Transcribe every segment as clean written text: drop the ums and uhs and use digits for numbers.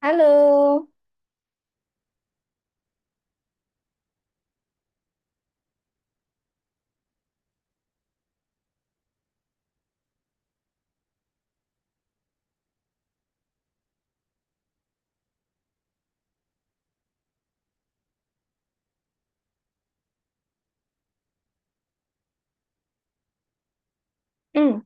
Hello，嗯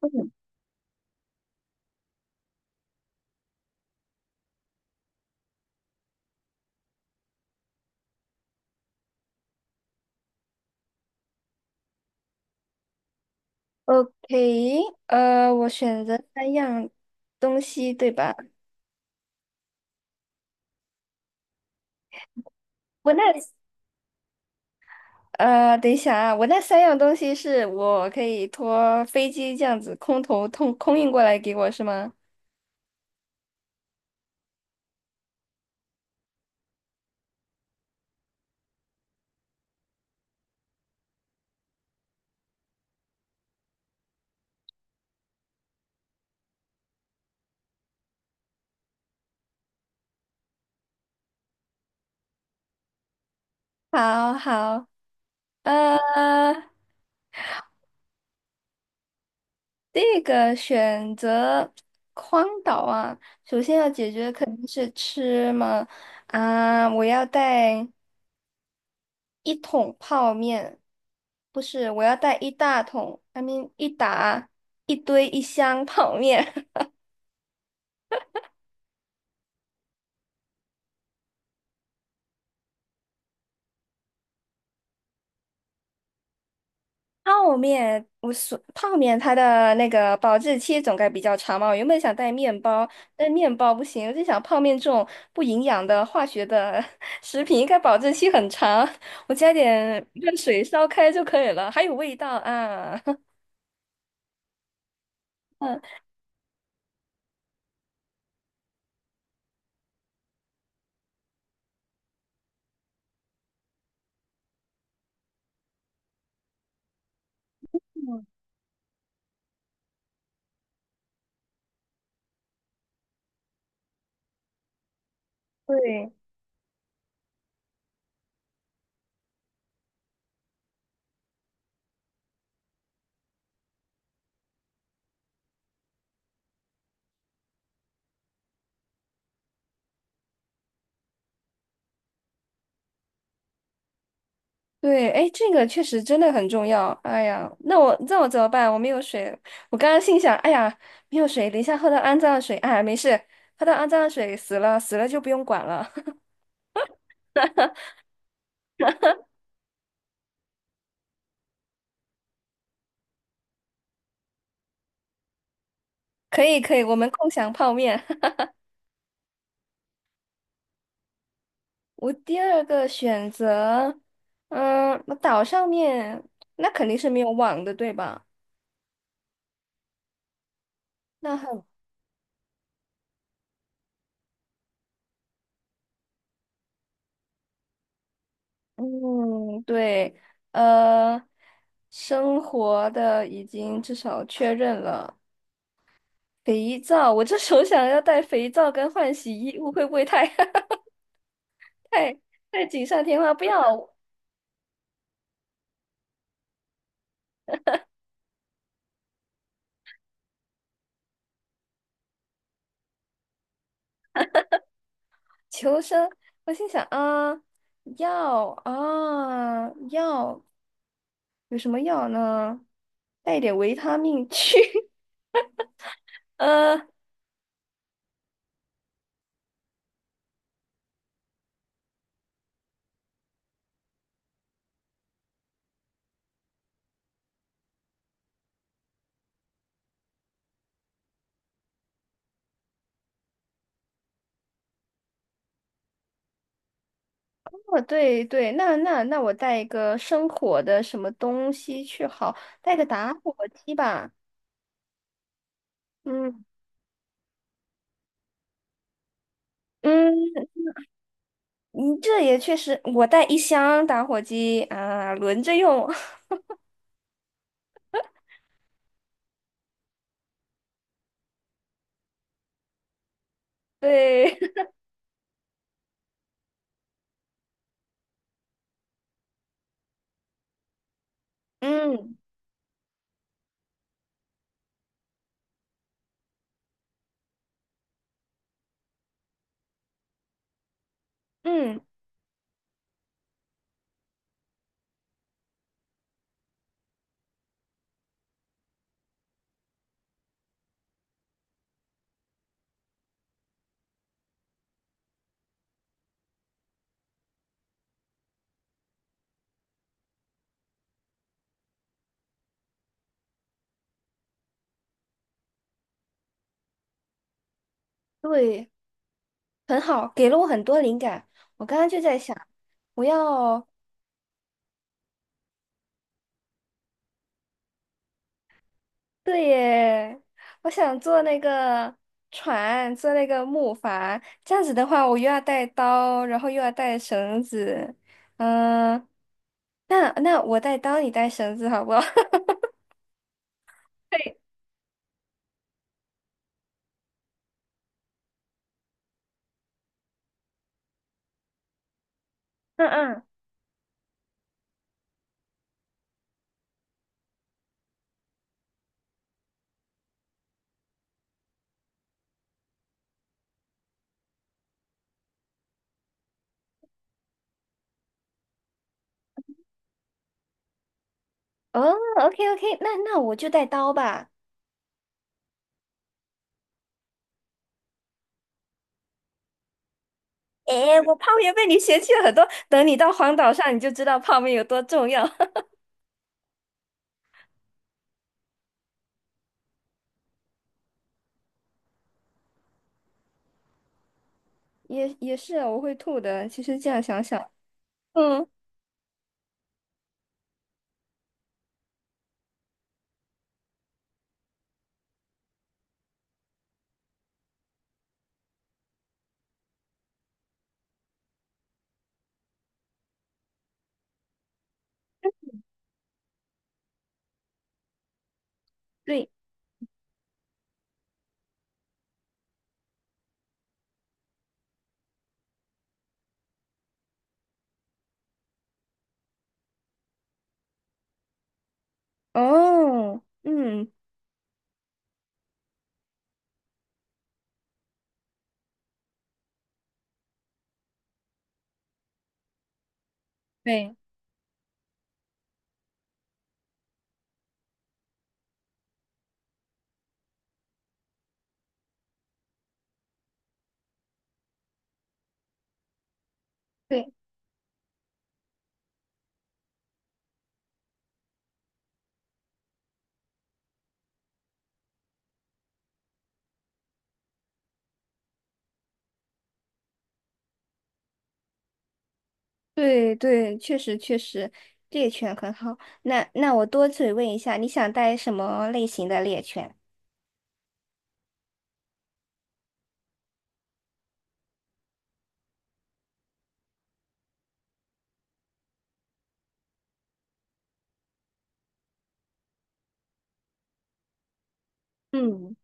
嗯，OK，我选择三样东西，对吧？我那等一下啊，我那三样东西是我可以托飞机这样子空投通空运过来给我是吗？好好，呃，这个选择荒岛啊，首先要解决肯定是吃嘛，啊，我要带。一桶泡面，不是，我要带一大桶，一打一堆一箱泡面。泡面，我说泡面它的那个保质期总该比较长嘛。我原本想带面包，但面包不行，我就想泡面这种不营养的化学的 食品应该保质期很长，我加点热水烧开就可以了，还有味道啊。嗯，对。对，哎，这个确实真的很重要。哎呀，那我怎么办？我没有水。我刚刚心想，哎呀，没有水，等一下喝到肮脏的水。哎呀，没事，喝到肮脏的水死了，死了就不用管了。可以，可以，我们共享泡面。我第二个选择，嗯，那岛上面那肯定是没有网的，对吧？那很，嗯，对，呃，生活的已经至少确认了。肥皂，我这手想要带肥皂跟换洗衣物，会不会太 太太锦上添花？不要求生。我心想啊，药啊药，有什么药呢？带一点维他命去。呃，哦对对，那我带一个生火的什么东西去好，带个打火机吧。嗯嗯，你这也确实，我带一箱打火机啊，轮着用。对，嗯。嗯，对，很好，给了我很多灵感。我刚刚就在想，我要，对耶，我想做那个船，做那个木筏。这样子的话，我又要带刀，然后又要带绳子。嗯，那我带刀，你带绳子，好不好？对，嗯嗯，哦，OK OK，那我就带刀吧。诶，我泡面被你嫌弃了很多，等你到荒岛上，你就知道泡面有多重要。也是啊我会吐的。其实这样想想，嗯，对，哦，嗯，对，对，对，对，确实确实，猎犬很好。那我多嘴问一下，你想带什么类型的猎犬？嗯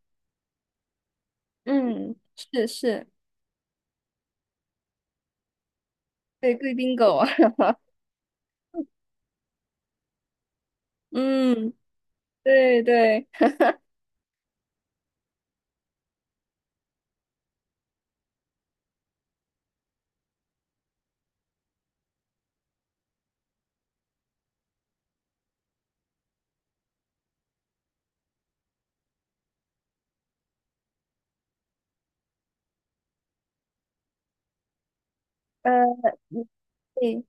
嗯，是是，对，贵宾狗。啊。嗯，对对，呃，你对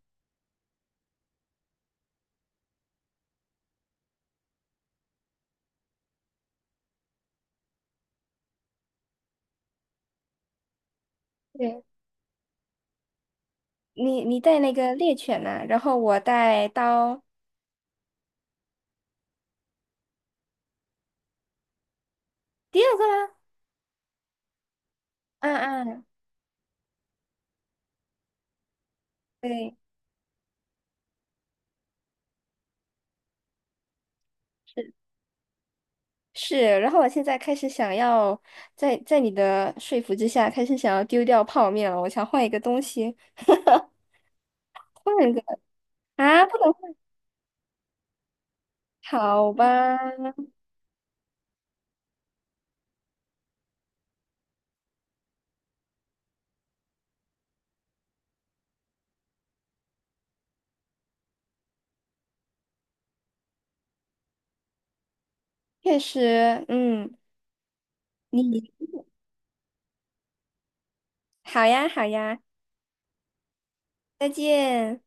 对，你带那个猎犬呢，然后我带刀。第二个啦，嗯嗯，对。是。是，然后我现在开始想要在你的说服之下，开始想要丢掉泡面了。我想换一个东西，换一个啊，不能换，好吧？确实，嗯，你好呀，好呀，再见。